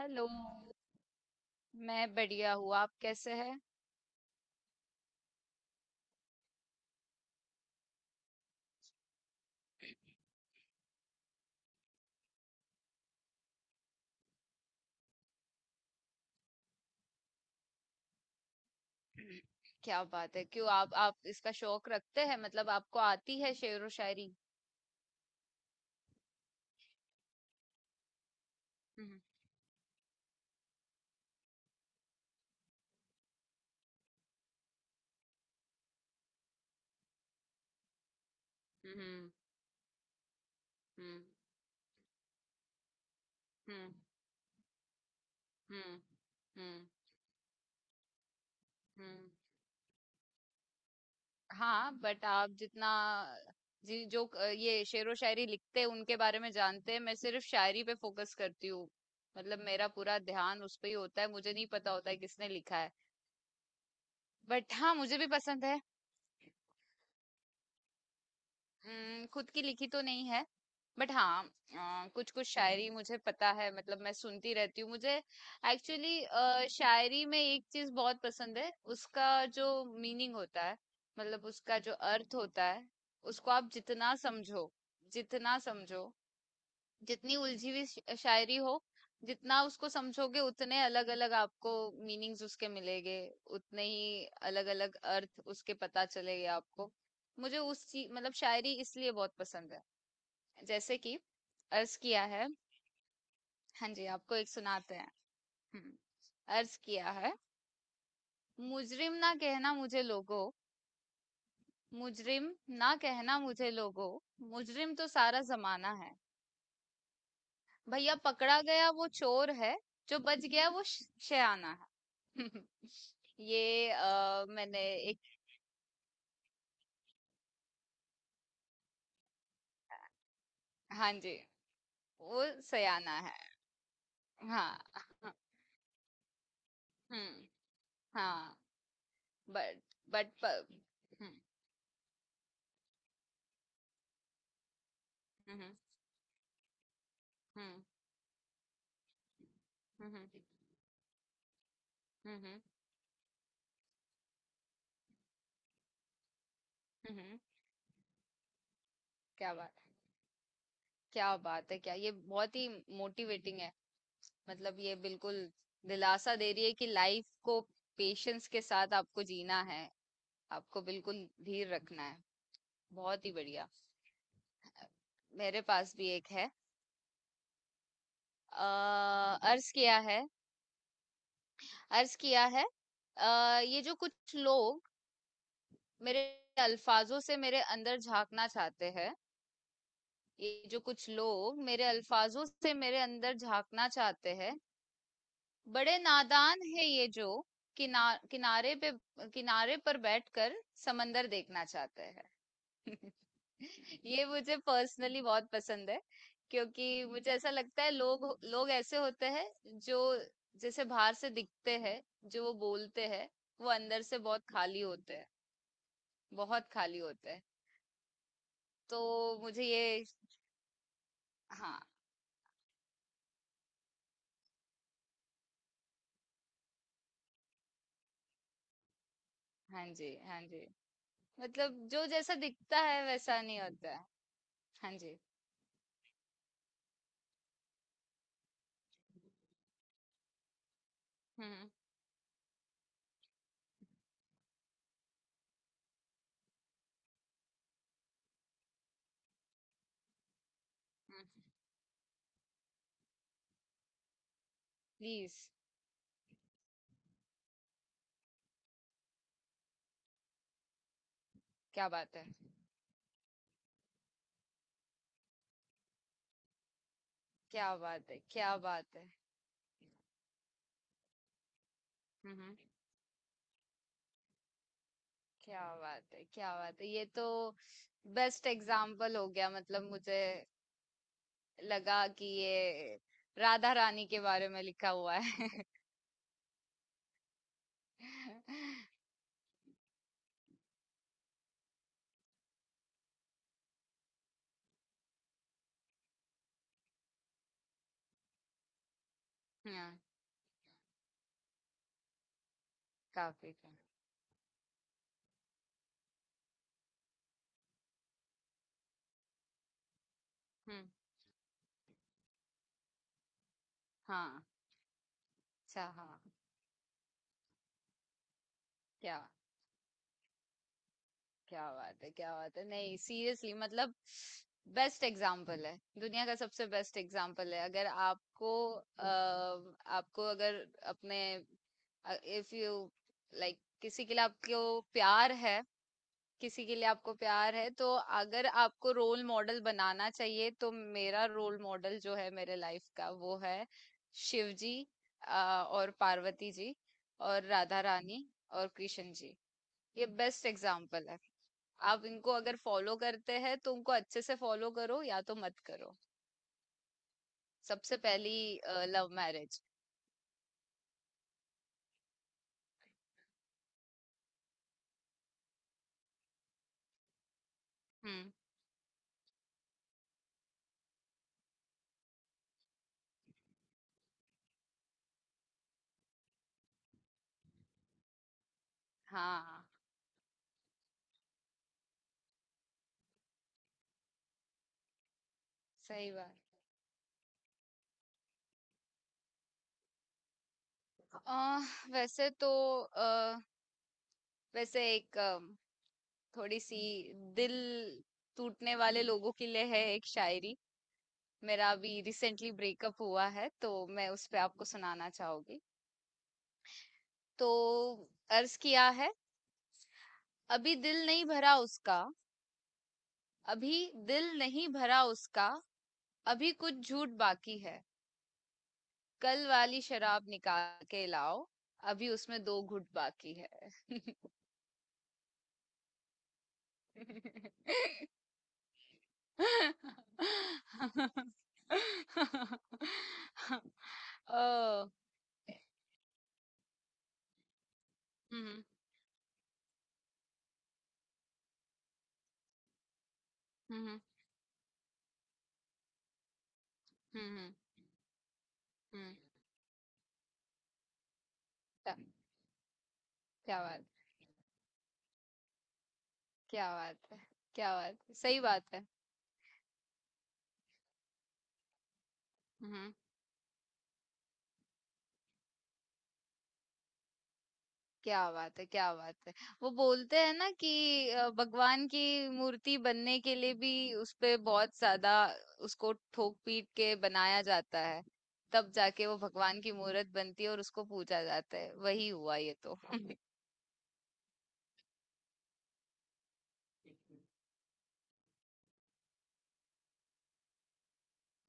Hello. मैं बढ़िया हूँ, आप कैसे हैं? क्या बात है, क्यों आप इसका शौक रखते हैं? मतलब आपको आती है शेर व शायरी? हम्म। हम्म। हम्म। हम्म। हम्म। हम्म। हम्म। हाँ, बट आप जितना जी जो ये शेर व शायरी लिखते हैं उनके बारे में जानते हैं, मैं सिर्फ शायरी पे फोकस करती हूँ। मतलब मेरा पूरा ध्यान उस पे ही होता है, मुझे नहीं पता होता है किसने लिखा है। बट हाँ, मुझे भी पसंद है। खुद की लिखी तो नहीं है, बट हाँ कुछ-कुछ शायरी मुझे पता है, मतलब मैं सुनती रहती हूँ। मुझे एक्चुअली शायरी में एक चीज़ बहुत पसंद है, उसका जो मीनिंग होता है, मतलब उसका जो अर्थ होता है, उसको आप जितना समझो जितनी उलझी हुई शायरी हो, जितना उसको समझोगे उतने अलग अलग आपको मीनिंग्स उसके मिलेंगे, उतने ही अलग अलग अर्थ उसके पता चलेंगे आपको। मुझे उस चीज मतलब शायरी इसलिए बहुत पसंद है। जैसे कि अर्ज किया है। हाँ जी, आपको एक सुनाते हैं। हम्म। अर्ज किया है। मुजरिम ना कहना मुझे लोगो, मुजरिम ना कहना मुझे लोगो, मुजरिम तो सारा जमाना है। भैया पकड़ा गया वो चोर है, जो बच गया वो शयाना है। ये मैंने एक हाँ जी वो सयाना है। हाँ। हम्म। हाँ, बट बट हम्म। हम्म। हम्म। हम्म। हम्म। हम्म। हम्म। हम्म। क्या बात, क्या बात है! क्या ये बहुत ही मोटिवेटिंग है! मतलब ये बिल्कुल दिलासा दे रही है कि लाइफ को पेशेंस के साथ आपको जीना है, आपको बिल्कुल धीर रखना है। बहुत ही बढ़िया। मेरे पास भी एक है। आ, अर्ज किया है। अर्ज किया है। ये जो कुछ लोग मेरे अल्फाजों से मेरे अंदर झांकना चाहते हैं, ये जो कुछ लोग मेरे अल्फाजों से मेरे अंदर झांकना चाहते हैं, बड़े नादान है ये जो किनारे पे किनारे पर बैठकर समंदर देखना चाहते हैं। ये मुझे पर्सनली बहुत पसंद है, क्योंकि मुझे ऐसा लगता है लोग, लोग ऐसे होते हैं जो जैसे बाहर से दिखते हैं, जो वो बोलते हैं, वो अंदर से बहुत खाली होते हैं, बहुत खाली होते हैं। तो मुझे ये हाँ, हाँ जी, हाँ जी, मतलब जो जैसा दिखता है वैसा नहीं होता है। हाँ जी। हम्म। प्लीज। क्या बात है! क्या बात है! क्या बात है! हम्म। क्या बात है, क्या बात है! ये तो बेस्ट एग्जाम्पल हो गया, मतलब मुझे लगा कि ये राधा रानी के बारे में लिखा हुआ है। हाँ, काफी का हम्म। हाँ। अच्छा, हाँ। क्या, क्या बात, है क्या बात है! नहीं, सीरियसली, मतलब बेस्ट एग्जाम्पल है। दुनिया का सबसे बेस्ट एग्जाम्पल है। अगर आपको आपको अगर अपने इफ यू लाइक किसी के लिए आपको प्यार है, किसी के लिए आपको प्यार है तो अगर आपको रोल मॉडल बनाना चाहिए, तो मेरा रोल मॉडल जो है मेरे लाइफ का, वो है शिव जी और पार्वती जी, और राधा रानी, और कृष्ण जी। ये बेस्ट एग्जाम्पल है। आप इनको अगर फॉलो करते हैं तो उनको अच्छे से फॉलो करो, या तो मत करो। सबसे पहली लव मैरिज। हम्म। हाँ, सही बात। अ, वैसे तो अ, वैसे एक थोड़ी सी दिल टूटने वाले लोगों के लिए है एक शायरी। मेरा अभी रिसेंटली ब्रेकअप हुआ है, तो मैं उस पे आपको सुनाना चाहूंगी। तो अर्ज किया है। अभी दिल नहीं भरा उसका, अभी दिल नहीं भरा उसका, अभी कुछ झूठ बाकी है, कल वाली शराब निकाल के लाओ, अभी उसमें दो घूंट बाकी है। ओ। हुँ, हुँ। हुँ, हुँ। हुँ, हुँ, हुँ। क्या, क्या बात, क्या बात है! क्या बात है, सही बात है। हुँ। क्या बात है, क्या बात है। वो बोलते हैं ना कि भगवान की मूर्ति बनने के लिए भी उसपे बहुत ज़्यादा, उसको ठोक-पीट के बनाया जाता है। तब जाके वो भगवान की मूरत बनती है और उसको पूजा जाता है। वही हुआ ये तो।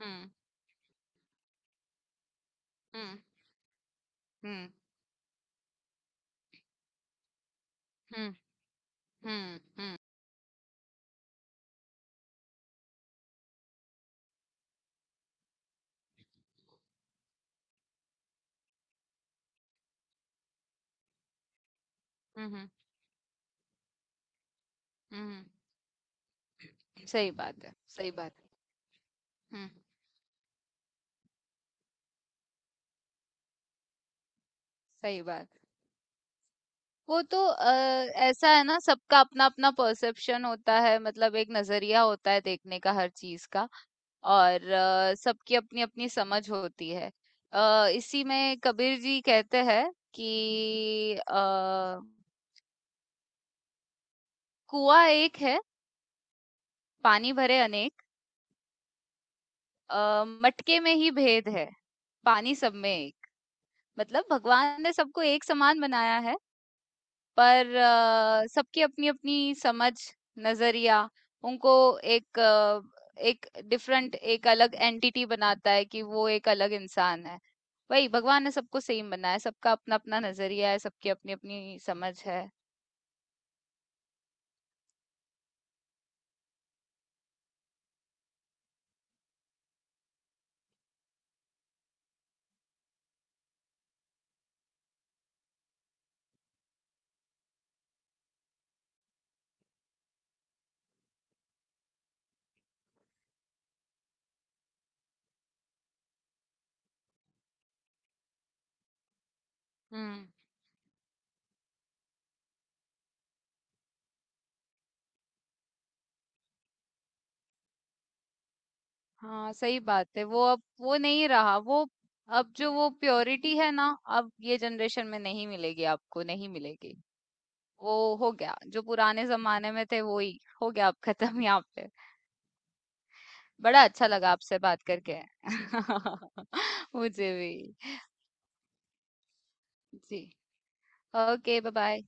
हुँ, हुँ, हुँ, हुँ, हुँ, हुँ। हुँ, हुँ, हुँ, हुँ। सही बात है, सही बात है। हुँ। सही बात। वो तो ऐसा है ना, सबका अपना अपना परसेप्शन होता है, मतलब एक नजरिया होता है देखने का हर चीज का। और सबकी अपनी अपनी समझ होती है। इसी में कबीर जी कहते हैं कि कुआं एक है, पानी भरे अनेक, मटके में ही भेद है, पानी सब में एक। मतलब भगवान ने सबको एक समान बनाया है, पर सबकी अपनी-अपनी समझ, नज़रिया उनको एक अ, एक डिफरेंट, एक अलग एंटिटी बनाता है कि वो एक अलग इंसान है। वही भगवान ने सबको सेम बनाया है, सबका अपना-अपना नज़रिया है, सबकी अपनी-अपनी समझ है। हुँ। हाँ, सही बात है। वो अब वो नहीं रहा, वो अब जो वो प्योरिटी है ना, अब ये जनरेशन में नहीं मिलेगी आपको, नहीं मिलेगी। वो हो गया, जो पुराने ज़माने में थे वो ही हो गया, अब खत्म यहाँ पे। बड़ा अच्छा लगा आपसे बात करके। मुझे भी। जी। Okay, bye bye.